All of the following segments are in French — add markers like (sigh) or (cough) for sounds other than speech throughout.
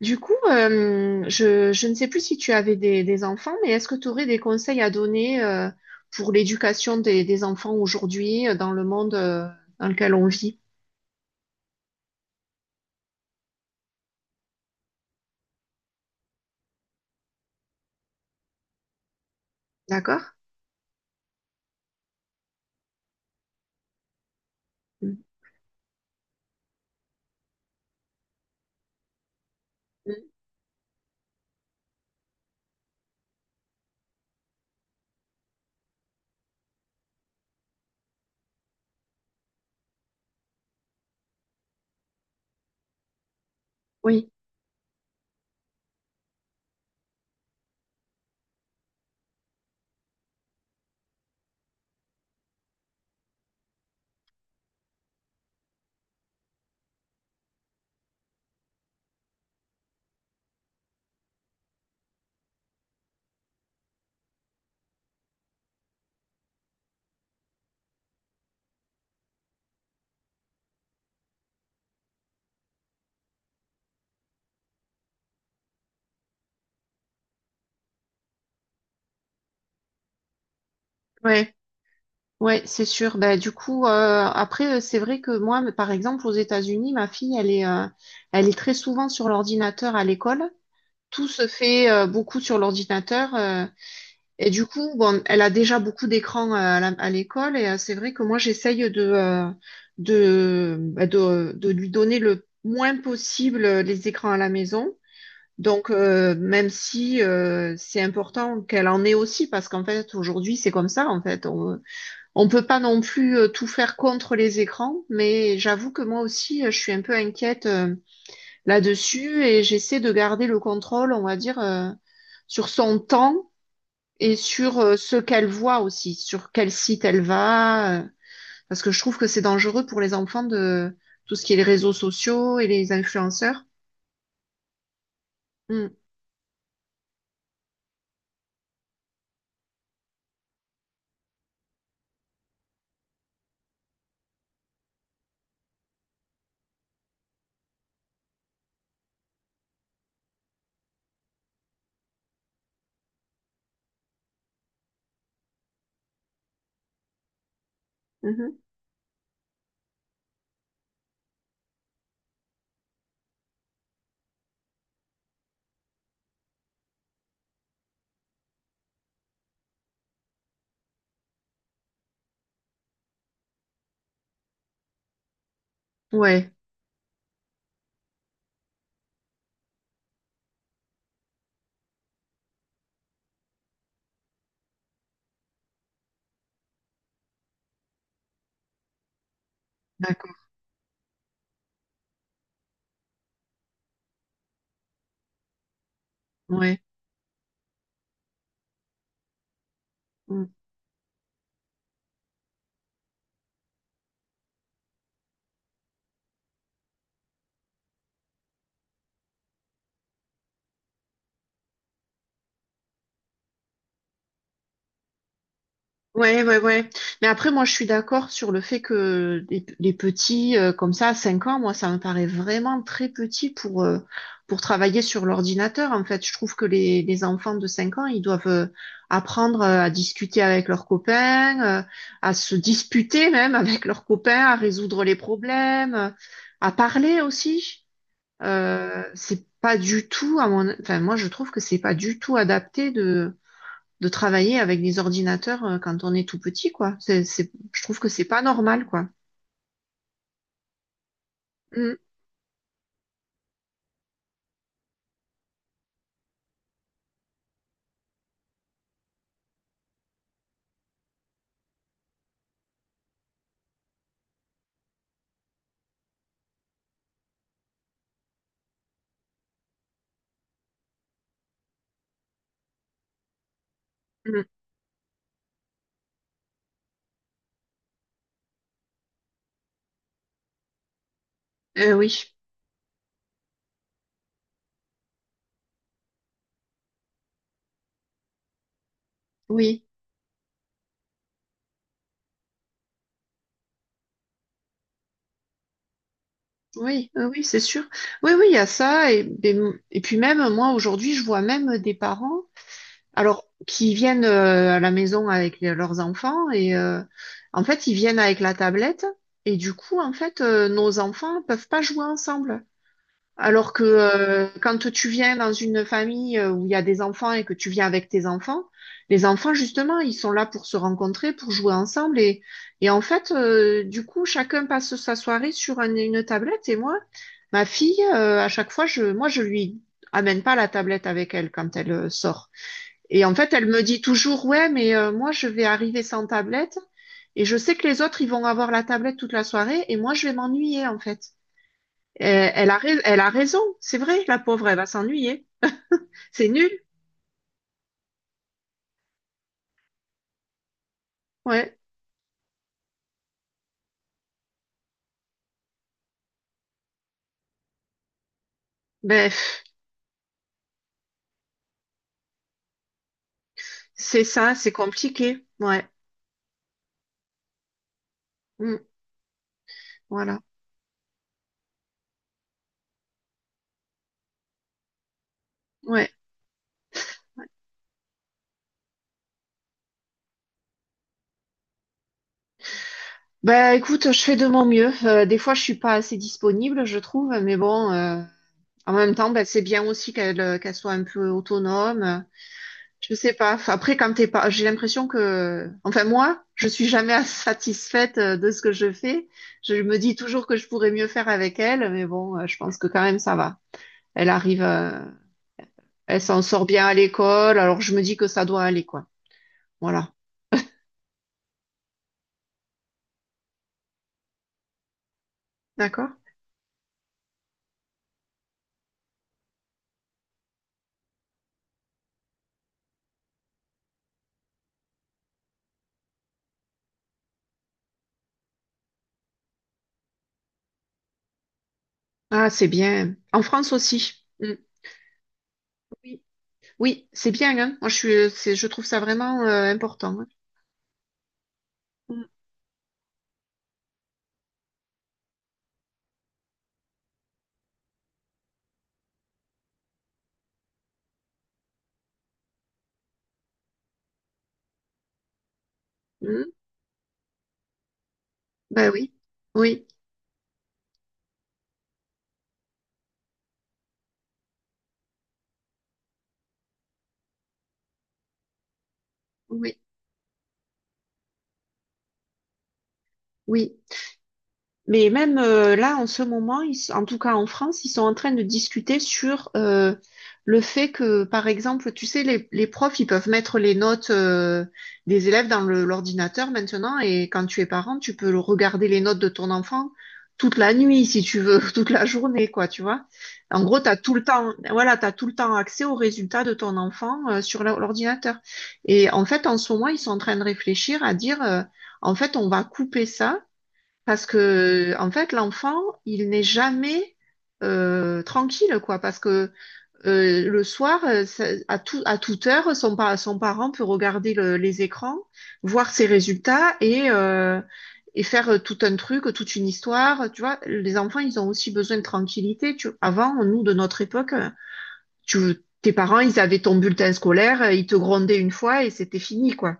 Du coup, je ne sais plus si tu avais des enfants, mais est-ce que tu aurais des conseils à donner pour l'éducation des enfants aujourd'hui dans le monde dans lequel on vit? D'accord? Mm. Mm. Oui, ouais, ouais, c'est sûr. Ben, du coup, après, c'est vrai que moi, mais par exemple, aux États-Unis, ma fille, elle est très souvent sur l'ordinateur à l'école. Tout se fait beaucoup sur l'ordinateur. Et du coup, bon, elle a déjà beaucoup d'écrans à l'école et c'est vrai que moi, j'essaye de lui donner le moins possible les écrans à la maison. Donc, même si c'est important qu'elle en ait aussi, parce qu'en fait, aujourd'hui, c'est comme ça, en fait. On peut pas non plus tout faire contre les écrans, mais j'avoue que moi aussi, je suis un peu inquiète là-dessus et j'essaie de garder le contrôle, on va dire, sur son temps et sur ce qu'elle voit aussi, sur quel site elle va, parce que je trouve que c'est dangereux pour les enfants de tout ce qui est les réseaux sociaux et les influenceurs. Mm, mhm. Ouais, d'accord, ouais. Mmh. Ouais, ouais, ouais. Mais après, moi, je suis d'accord sur le fait que les petits, comme ça, à 5 ans, moi, ça me paraît vraiment très petit pour travailler sur l'ordinateur. En fait, je trouve que les enfants de 5 ans, ils doivent apprendre à discuter avec leurs copains, à se disputer même avec leurs copains, à résoudre les problèmes, à parler aussi. C'est pas du tout à mon, enfin, moi, je trouve que c'est pas du tout adapté de travailler avec des ordinateurs quand on est tout petit, quoi. Je trouve que c'est pas normal, quoi. Mm, mm. Oui, oui, oui, oui, c'est sûr. Oui, oui, il y a ça. Et puis même, moi, aujourd'hui, je vois même des parents, alors, qui viennent à la maison avec leurs enfants et en fait, ils viennent avec la tablette et du coup, en fait, nos enfants peuvent pas jouer ensemble. Alors que quand tu viens dans une famille où il y a des enfants et que tu viens avec tes enfants, les enfants, justement, ils sont là pour se rencontrer, pour jouer ensemble. Et en fait, du coup, chacun passe sa soirée sur une tablette. Et moi, ma fille, à chaque fois, je lui amène pas la tablette avec elle quand elle sort. Et en fait, elle me dit toujours, ouais, mais moi, je vais arriver sans tablette. Et je sais que les autres, ils vont avoir la tablette toute la soirée. Et moi, je vais m'ennuyer, en fait. Elle a raison, c'est vrai, la pauvre, elle va s'ennuyer. C'est nul, ouais. Bref, c'est ça, c'est compliqué, ouais. Mm. Voilà, ouais. Bah écoute, je fais de mon mieux. Des fois, je suis pas assez disponible, je trouve, mais bon, en même temps, bah, c'est bien aussi qu'elle qu'elle soit un peu autonome. Je sais pas. Enfin, après, quand t'es pas, j'ai l'impression que, enfin moi, je suis jamais (laughs) satisfaite de ce que je fais. Je me dis toujours que je pourrais mieux faire avec elle, mais bon, je pense que quand même ça va. Elle arrive. Elle s'en sort bien à l'école, alors je me dis que ça doit aller, quoi. Voilà. D'accord? Ah, c'est bien. En France aussi. Mm. Oui, oui, c'est bien, hein. Moi, je suis, c'est, je trouve ça vraiment important. Hein. Mm. Mm. Ben oui, oui, oui, oui. Mais même là, en ce moment, en tout cas en France, ils sont en train de discuter sur le fait que, par exemple, tu sais, les profs, ils peuvent mettre les notes des élèves dans l'ordinateur maintenant, et quand tu es parent, tu peux regarder les notes de ton enfant toute la nuit, si tu veux, (laughs) toute la journée, quoi, tu vois. En gros, t'as tout le temps, voilà, t'as tout le temps accès aux résultats de ton enfant sur l'ordinateur. Et en fait, en ce moment, ils sont en train de réfléchir à dire, en fait, on va couper ça. Parce que, en fait, l'enfant, il n'est jamais tranquille, quoi. Parce que le soir, à toute heure, son parent peut regarder les écrans, voir ses résultats et faire tout un truc, toute une histoire. Tu vois, les enfants, ils ont aussi besoin de tranquillité. Tu... Avant, nous, de notre époque, tu, tes parents, ils avaient ton bulletin scolaire, ils te grondaient une fois et c'était fini, quoi.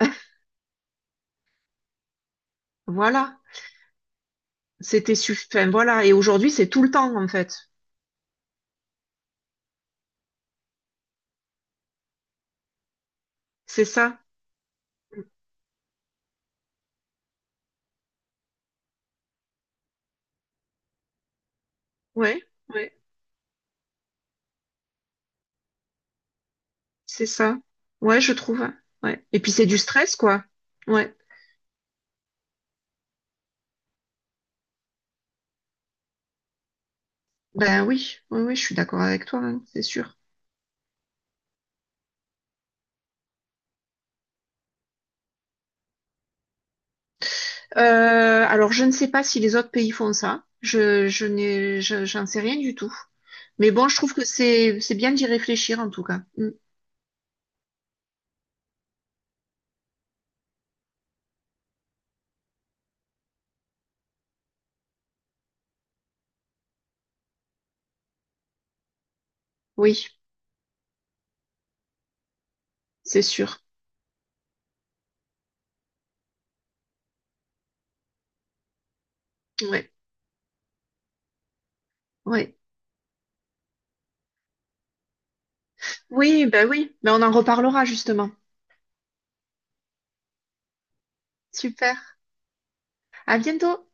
(laughs) Voilà. C'était suffisant. Voilà. Et aujourd'hui, c'est tout le temps, en fait. C'est ça. Ouais, ouais, c'est ça. Ouais, je trouve. Ouais. Et puis c'est du stress, quoi. Ouais. Ben oui, oui, oui, je suis d'accord avec toi, hein, c'est sûr. Alors je ne sais pas si les autres pays font ça. Je n'ai, je- j'en sais rien du tout. Mais bon, je trouve que c'est bien d'y réfléchir en tout cas. Mm. Oui, c'est sûr. Ouais, ouais. Oui, ben oui. Mais on en reparlera justement. Super. À bientôt.